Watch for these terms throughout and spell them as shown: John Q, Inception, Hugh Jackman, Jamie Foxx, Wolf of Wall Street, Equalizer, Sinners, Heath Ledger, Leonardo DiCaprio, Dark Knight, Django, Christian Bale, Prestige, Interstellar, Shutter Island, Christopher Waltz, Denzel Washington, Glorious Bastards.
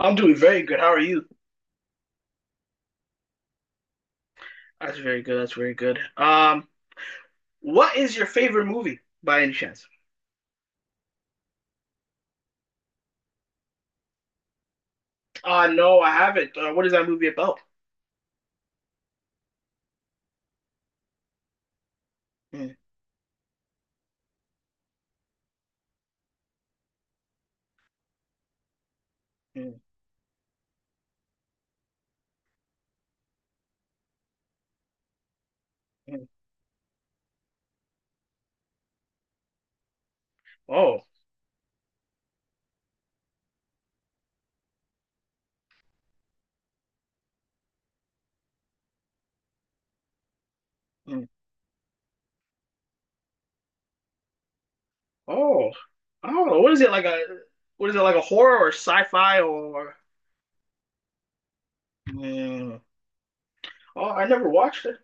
I'm doing very good. How are you? That's very good. That's very good. What is your favorite movie by any chance? No, I haven't. What is that movie about? Mm, mm, mm. Oh, mm. Oh, I don't know. What is it like a what is it like a horror or sci-fi or? Mm. Oh, I never watched it.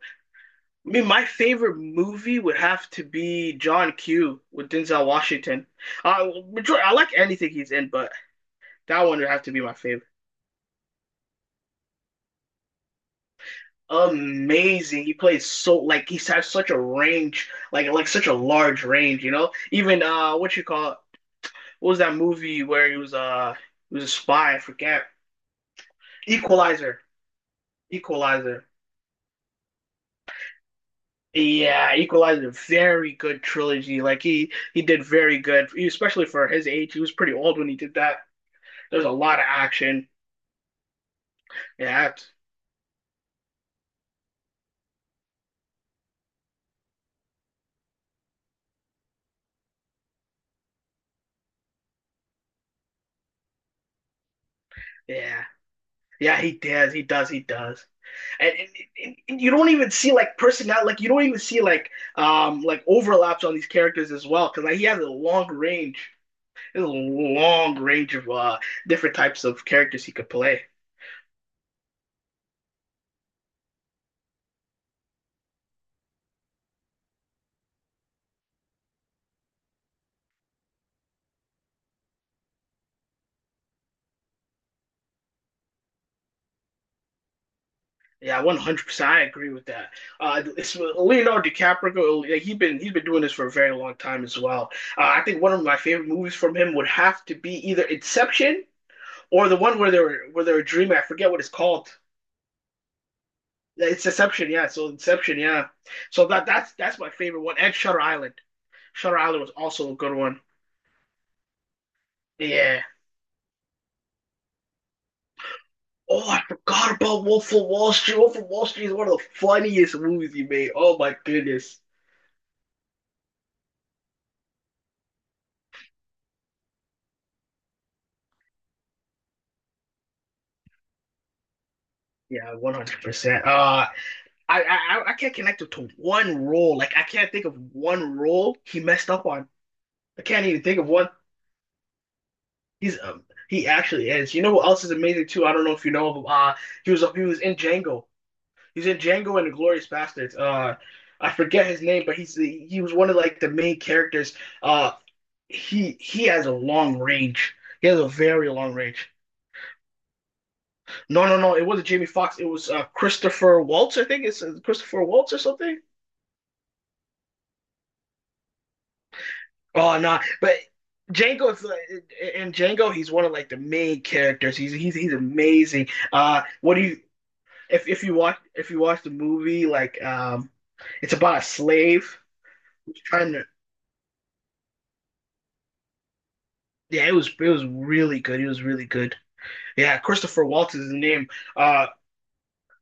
I mean, my favorite movie would have to be John Q with Denzel Washington. Majority, I like anything he's in, but that one would have to be my favorite. Amazing. He plays so like he has such a range, like such a large range, you know? Even what you call it? What was that movie where he was a spy, I forget. Equalizer. Equalizer. Yeah, Equalizer, very good trilogy. Like he did very good, especially for his age. He was pretty old when he did that. There's a lot of action. Yeah, yeah. Yeah, he does. He does. He does. and, and you don't even see like personality, like you don't even see like overlaps on these characters as well, because like he has a long range. There's a long range of different types of characters he could play. Yeah, 100%, I agree with that. It's Leonardo DiCaprio, like he's been doing this for a very long time as well. I think one of my favorite movies from him would have to be either Inception or the one where they were dreaming. I forget what it's called. Yeah, it's Inception, yeah. So Inception, yeah. So that's my favorite one. And Shutter Island. Shutter Island was also a good one. Yeah. Oh, I forgot about Wolf of Wall Street. Wolf of Wall Street is one of the funniest movies he made. Oh my goodness. Yeah, 100%. I can't connect it to one role. Like I can't think of one role he messed up on. I can't even think of one. He's um, he actually is. You know what else is amazing too? I don't know if you know of him. He was in Django. He's in Django and the Glorious Bastards. I forget his name, but he was one of like the main characters. Uh, he has a long range. He has a very long range. No, no, no. It wasn't Jamie Foxx. It was Christopher Waltz. I think it's Christopher Waltz or something. Oh no, nah, but Django is like- in Django, he's one of like the main characters. He's amazing. What do you If you watch the movie, like it's about a slave who's trying to. Yeah, it was really good. It was really good. Yeah, Christopher Waltz is his name. Uh,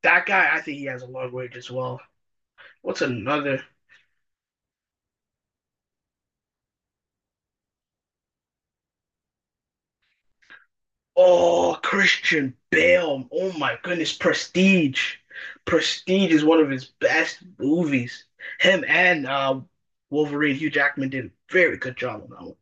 that guy, I think he has a long range as well. What's another? Oh, Christian Bale. Oh my goodness, Prestige. Prestige is one of his best movies. Him and Wolverine, Hugh Jackman did a very good job on that one.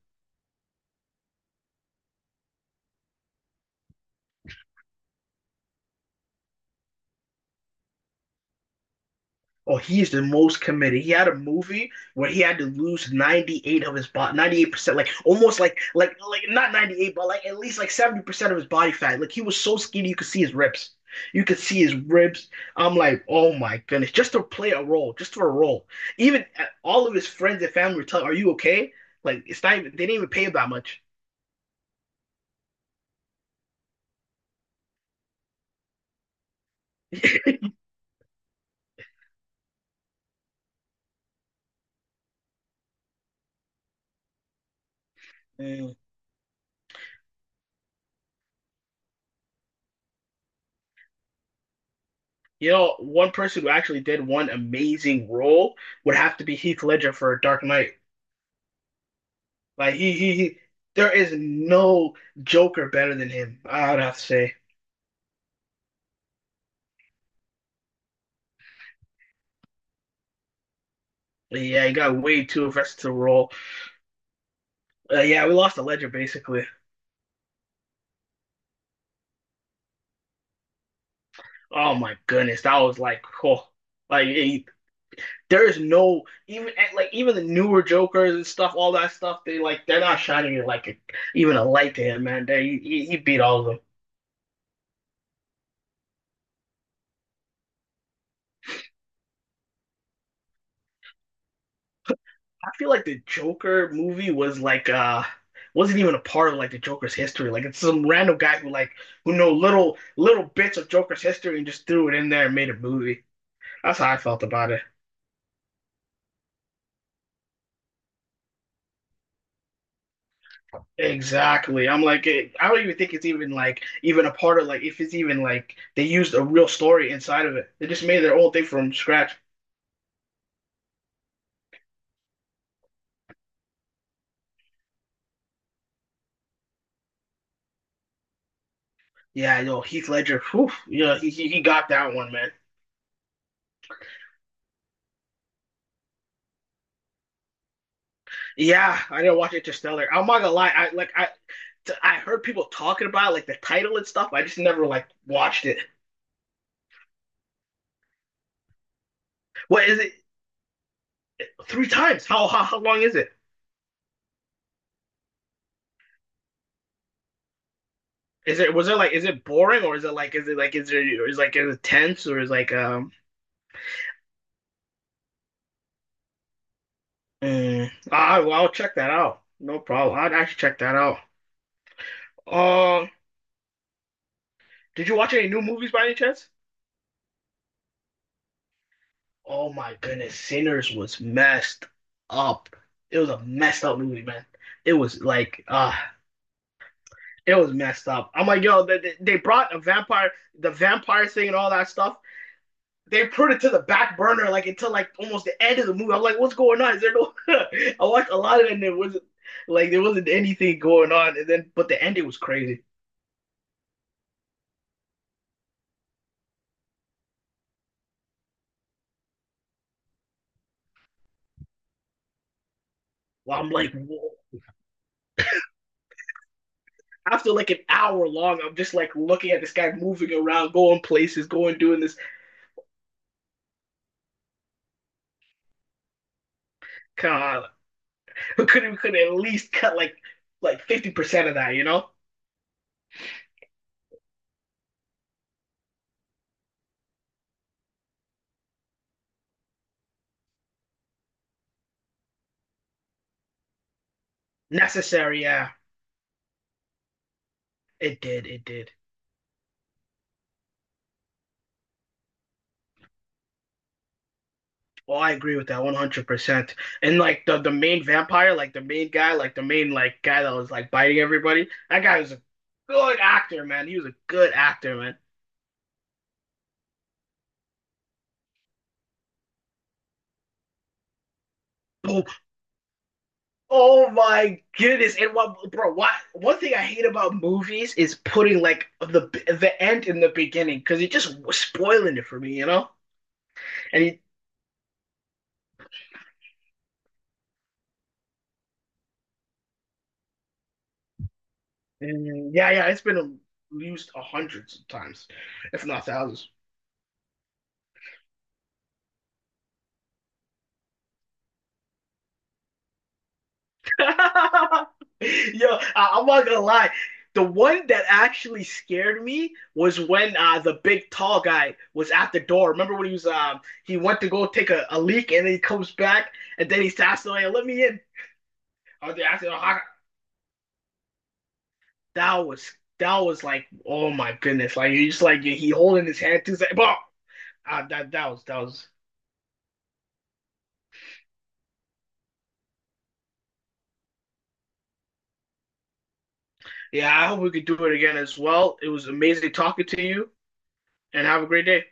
Oh, he's the most committed. He had a movie where he had to lose 98 of his body, 98%, like almost like not 98, but like at least like 70% of his body fat. Like he was so skinny you could see his ribs. You could see his ribs. I'm like, oh my goodness, just to play a role, just for a role. Even all of his friends and family were telling, "Are you okay?" Like it's not even they didn't even pay him that much. Mm. You know, one person who actually did one amazing role would have to be Heath Ledger for Dark Knight. Like he there is no Joker better than him, I would have to say. Like, yeah, he got way too versatile role. Yeah, we lost the Ledger basically. Oh my goodness, that was like, oh, like he, there is no even like even the newer Jokers and stuff, all that stuff. They're not shining like a, even a light to him, man. He beat all of them. I feel like the Joker movie wasn't even a part of like the Joker's history. Like it's some random guy who know little bits of Joker's history, and just threw it in there and made a movie. That's how I felt about it. Exactly. I don't even think it's even like even a part of like if it's even like they used a real story inside of it. They just made their own thing from scratch. Yeah, yo, Heath Ledger. Whew, yeah, he got that one, man. Yeah, I didn't watch Interstellar. I'm not gonna lie. I like I t- I heard people talking about it, like the title and stuff. I just never like watched it. What is it? Three times? How long is it? Is it was it like Is it boring, or is it tense. Or is like um mm, I well, I'll check that out. No problem. I'd actually check that out. Um, did you watch any new movies by any chance? Oh my goodness, Sinners was messed up. It was a messed up movie, man. It was like uh It was messed up. I'm like, yo, they brought a vampire, the vampire thing and all that stuff. They put it to the back burner, like until like almost the end of the movie. I'm like, what's going on? Is there no? I watched a lot of it, and there wasn't anything going on. And then, but the ending was crazy. Well, I'm like, whoa. After like an hour long, I'm just like looking at this guy moving around, going places, going doing this. God, we couldn't we could at least cut like 50% of that, you know? Necessary, yeah. It did, it did. Well, I agree with that 100%. And like the main vampire, like the main guy, like the main like guy that was like biting everybody. That guy was a good actor, man. He was a good actor, man. Oh, oh my goodness. And what, bro, what one thing I hate about movies is putting like the end in the beginning, because it just was spoiling it for me, you know? And, it- and yeah, yeah, it's been used a hundreds of times, if not thousands. Yo, I'm not gonna lie. The one that actually scared me was when the big tall guy was at the door. Remember when he went to go take a leak, and then he comes back and then he's asking like, "Let me in." Oh, they asked him, "How-" That was that was like, oh my goodness! Like you just like he holding his hand too. It's like, "Bah!" That that was yeah. I hope we could do it again as well. It was amazing talking to you, and have a great day.